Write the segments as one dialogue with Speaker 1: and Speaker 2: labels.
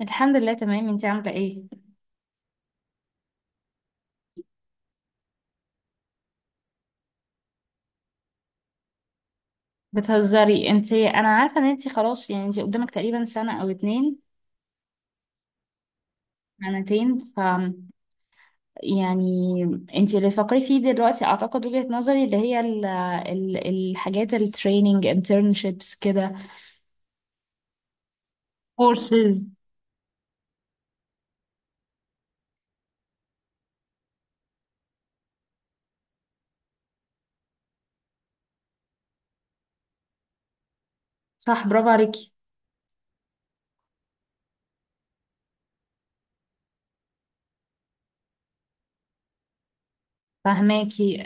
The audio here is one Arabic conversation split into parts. Speaker 1: الحمد لله تمام. انتي عاملة ايه؟ بتهزري انتي. انا عارفة ان انتي خلاص يعني انتي قدامك تقريبا سنة او اتنين. سنتين ف يعني انتي اللي تفكري فيه دلوقتي اعتقد وجهة نظري اللي هي ال الحاجات، التريننج، انترنشيبس كده، كورسز. صح، برافو عليكي. فهماكي؟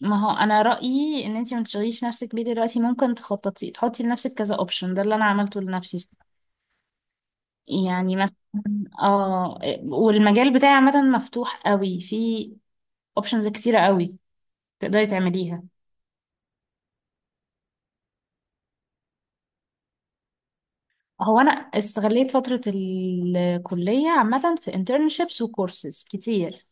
Speaker 1: ما هو انا رأيي ان انتي ما تشغليش نفسك بيه دلوقتي. ممكن تخططي تحطي لنفسك كذا اوبشن، ده اللي انا عملته لنفسي. يعني مثلا، اه، والمجال بتاعي عامة مفتوح قوي، في اوبشنز كتيرة قوي تقدري تعمليها. هو انا استغليت فترة الكلية عامة في internships وكورسز كتير.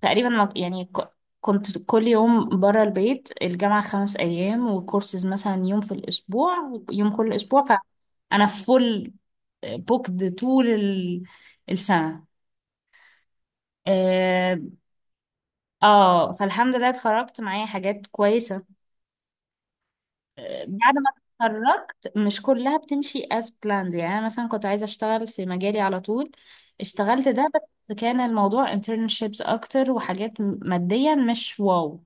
Speaker 1: تقريبا كنت كل يوم برا البيت، الجامعة خمس ايام وكورسز مثلا يوم في الاسبوع، يوم كل اسبوع. فانا فول بوكد طول السنة، اه، فالحمد لله اتخرجت معايا حاجات كويسة. بعد ما اتخرجت مش كلها بتمشي as planned. يعني انا مثلا كنت عايزه اشتغل في مجالي على طول، اشتغلت ده بس كان الموضوع internships اكتر، وحاجات ماديا مش واو.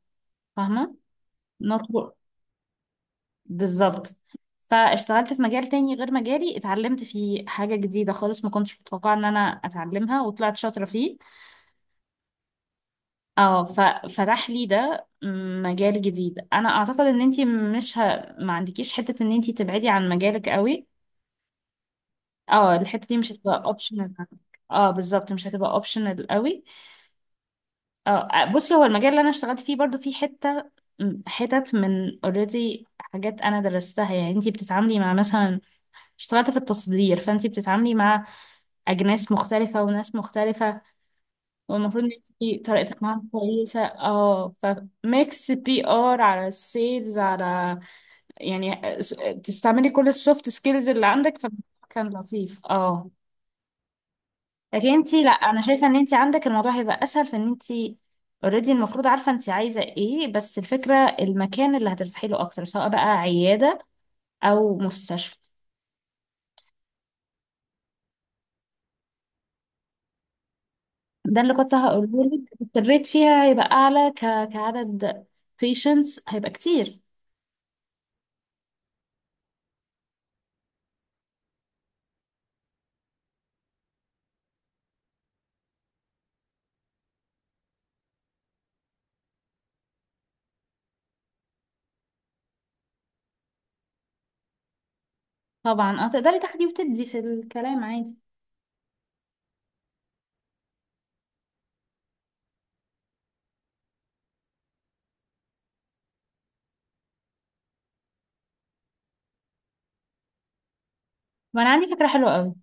Speaker 1: فاهمه؟ not work. بالظبط. فاشتغلت في مجال تاني غير مجالي، اتعلمت فيه حاجه جديده خالص ما كنتش متوقعه ان انا اتعلمها، وطلعت شاطره فيه. اه، ففتح لي ده مجال جديد. انا اعتقد ان انتي مش ه... ما عندكيش حته ان انتي تبعدي عن مجالك قوي. اه، الحتة دي مش هتبقى اوبشنال. اه بالظبط، مش هتبقى اوبشنال قوي. اه. بصي، هو المجال اللي انا اشتغلت فيه برضو فيه حتت من اوريدي حاجات انا درستها. يعني انتي بتتعاملي مع مثلا، اشتغلت في التصدير، فانتي بتتعاملي مع اجناس مختلفة وناس مختلفة، والمفروض ان انتي طريقتك معاهم كويسة. اه، فميكس بي ار على السيلز على، يعني تستعملي كل السوفت سكيلز اللي عندك، فكان لطيف. اه، لكن انتي لا، انا شايفه ان انتي عندك الموضوع هيبقى اسهل، في ان انتي اوريدي المفروض عارفه انتي عايزه ايه، بس الفكره المكان اللي هترتاحي له اكتر، سواء بقى عياده او مستشفى. ده اللي كنت هقوله لك، الريت فيها هيبقى اعلى، كعدد patients هيبقى كتير. طبعا، اه، تقدري تاخدي وتدي في الكلام عادي. وانا عندي فكره حلوه قوي.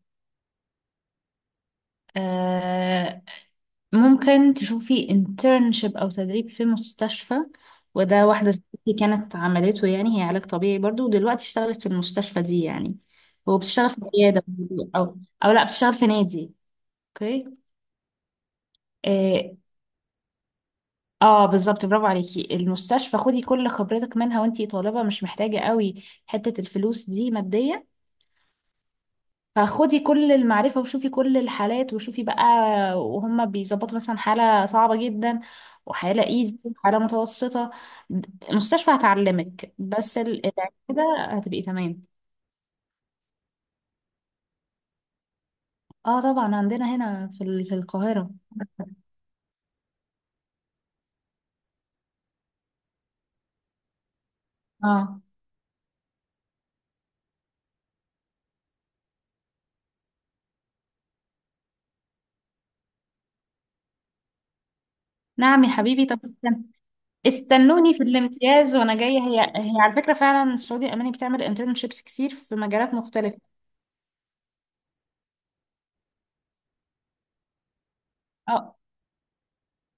Speaker 1: ممكن تشوفي انترنشيب او تدريب في مستشفى، وده واحدة زميلتي كانت عملته، يعني هي علاج طبيعي برضو، ودلوقتي اشتغلت في المستشفى دي يعني. وبتشتغل في عيادة برضو، او لا بتشتغل في نادي. اوكي، اه، بالظبط. برافو عليكي. المستشفى خدي كل خبرتك منها، وانتي طالبة مش محتاجة قوي حتة الفلوس دي، ماديا. فخدي كل المعرفة وشوفي كل الحالات، وشوفي بقى وهم بيظبطوا مثلا حالة صعبة جدا، وحالة ايزي، وحالة متوسطة. المستشفى هتعلمك، بس العيادة كده هتبقي تمام. اه طبعا، عندنا هنا في في القاهرة. اه، نعم يا حبيبي، طب استنوني في الامتياز وانا جاية. هي على فكرة فعلا السعودية الألمانية بتعمل انترنشيبس كتير في مجالات مختلفة. اه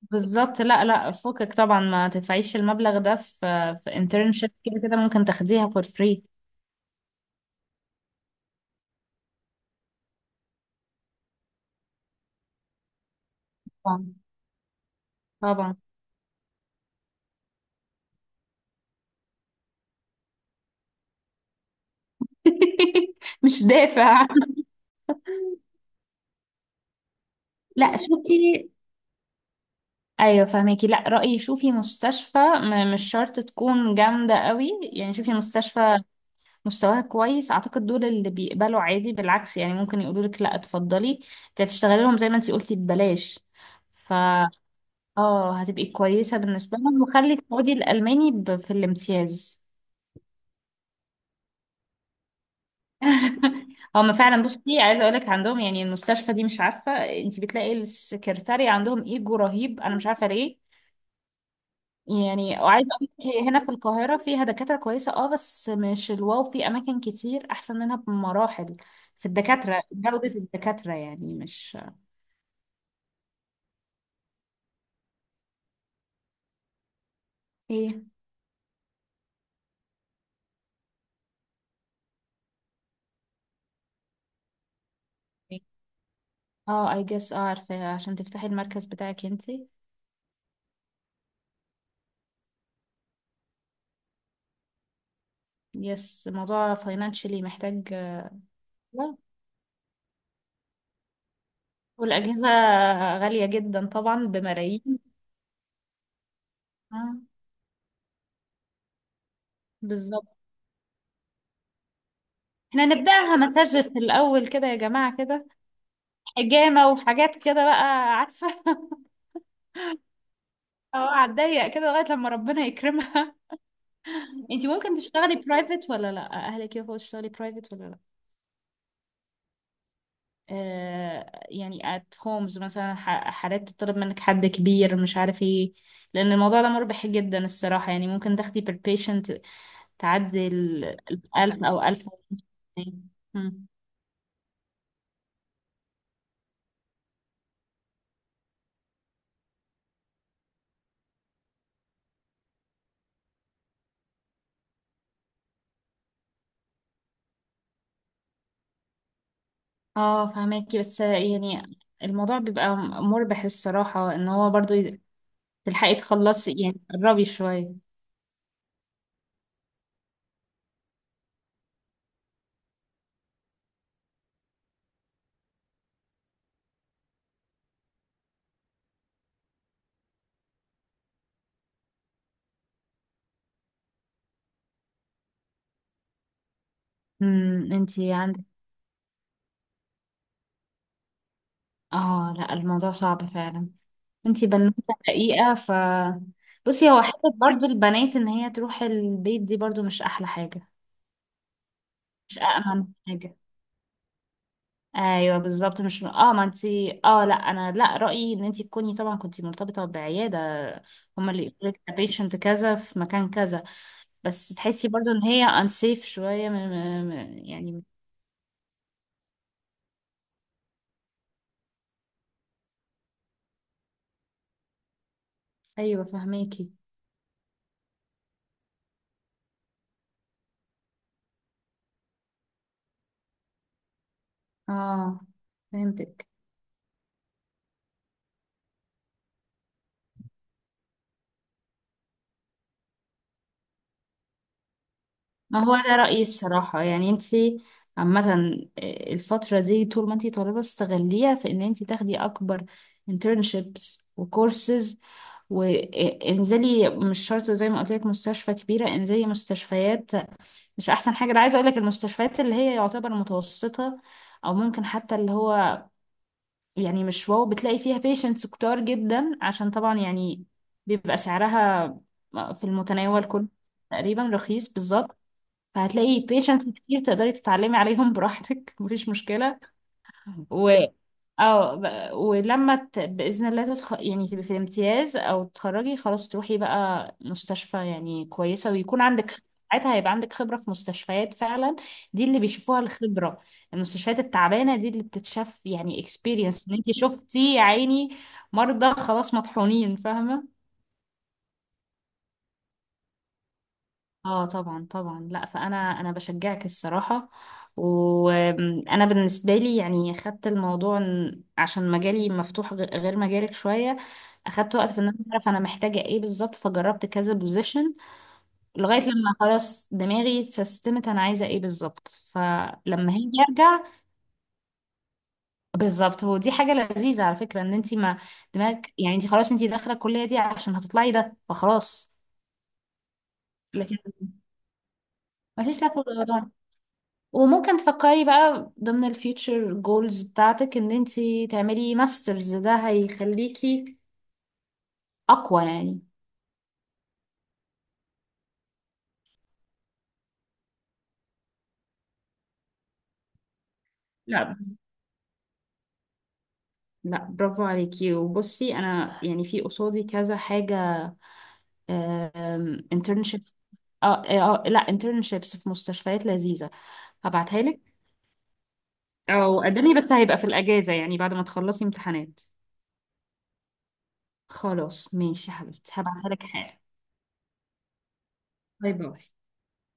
Speaker 1: بالظبط، لا لا، فكك طبعا ما تدفعيش المبلغ ده في internship. كده كده ممكن تاخديها for free. طبعا طبعا، مش دافع. لا شوفي، ايوه فهميكي، لا رأيي شوفي مستشفى مش شرط تكون جامدة قوي، يعني شوفي مستشفى مستواها كويس. اعتقد دول اللي بيقبلوا عادي، بالعكس يعني ممكن يقولوا لك لا اتفضلي، انت هتشتغلي لهم زي ما انت قلتي ببلاش. ف اه هتبقي كويسة بالنسبة لهم. وخلي خدي الألماني في الامتياز. هم فعلا، بصي عايزه اقول لك عندهم، يعني المستشفى دي مش عارفه، انت بتلاقي السكرتاري عندهم ايجو رهيب، انا مش عارفه ليه. يعني، وعايزه اقول لك هنا في القاهره فيها دكاتره كويسه، اه، بس مش الواو، في اماكن كتير احسن منها بمراحل، في الدكاتره، جوده الدكاتره يعني مش ايه. اه، اي جس، اه عارفه، عشان تفتحي المركز بتاعك انتي. يس، موضوع فاينانشلي محتاج، والاجهزه غاليه جدا طبعا، بملايين. آه، بالظبط. احنا نبدأها مساج في الأول كده يا جماعة، كده حجامة وحاجات كده بقى، عارفة. اه، هتضيق كده لغاية لما ربنا يكرمها. انتي ممكن تشتغلي برايفت ولا لا؟ اهلك يوافقوا تشتغلي برايفت ولا لا؟ يعني ات هومز مثلا، حالات تطلب منك حد كبير مش عارف ايه، لان الموضوع ده مربح جدا الصراحة. يعني ممكن تاخدي بير بيشنت تعدي ال 1000 او 1000 ونص. اه فهماكي. بس يعني الموضوع بيبقى مربح الصراحة، ان هو برضو تلحقي تخلصي، يعني قربي شوية. انتي عندك، اه لا الموضوع صعب فعلا. انتي بنوتة حقيقة، ف بصي هو حتة برضو البنات ان هي تروح البيت دي برضو مش احلى حاجة، مش أأمن حاجة. ايوه بالظبط، مش اه ما انتي اه لا انا لا رأيي ان انتي تكوني طبعا كنتي مرتبطة بعيادة، هما اللي يقولك patient كذا في مكان كذا. بس تحسي برضو ان هي unsafe شوية يعني. ايوه فهميكي. اه فهمتك. ما هو ده رأيي الصراحة. يعني انتي عامة، الفترة دي طول ما انتي طالبة استغليها في ان انتي تاخدي اكبر internships وكورسز. وانزلي، مش شرط زي ما قلت لك مستشفى كبيرة، انزلي مستشفيات مش احسن حاجة. ده عايزة اقول لك المستشفيات اللي هي يعتبر متوسطة، او ممكن حتى اللي هو يعني مش واو، بتلاقي فيها بيشنتس كتار جدا، عشان طبعا يعني بيبقى سعرها في المتناول كله، تقريبا رخيص بالظبط. فهتلاقي بيشنتس كتير تقدري تتعلمي عليهم براحتك. مفيش مشكلة. و اه ولما بإذن الله يعني تبقي في الامتياز او تتخرجي خلاص، تروحي بقى مستشفى يعني كويسة، ويكون عندك ساعتها هيبقى عندك خبرة في مستشفيات فعلا. دي اللي بيشوفوها الخبرة، المستشفيات التعبانة دي اللي بتتشاف يعني اكسبيرينس، ان انت شفتي يا عيني مرضى خلاص مطحونين، فاهمة؟ اه طبعا طبعا. لا، فانا بشجعك الصراحه. وانا بالنسبه لي يعني خدت الموضوع عشان مجالي مفتوح غير مجالك شويه، اخدت وقت في ان انا اعرف انا محتاجه ايه بالظبط، فجربت كذا بوزيشن، لغايه لما خلاص دماغي اتسيستمت، انا عايزه ايه بالظبط، فلما هي ارجع بالظبط. ودي حاجه لذيذه على فكره، ان انت ما دماغك يعني، انت خلاص انت داخله الكليه دي عشان هتطلعي ده، فخلاص لكن مفيش لك. وممكن تفكري بقى ضمن الفيوتشر جولز بتاعتك ان انتي تعملي ماسترز، ده هيخليكي اقوى يعني. لا بس- لا برافو عليكي. وبصي، انا يعني في قصادي كذا حاجة، انترنشيبس، اه لا انترنشيبس في مستشفيات لذيذة، هبعتها لك. او قدمي، بس هيبقى في الاجازة يعني بعد ما تخلصي امتحانات. خلاص ماشي يا حبيبتي، هبعتها لك حالا. باي باي.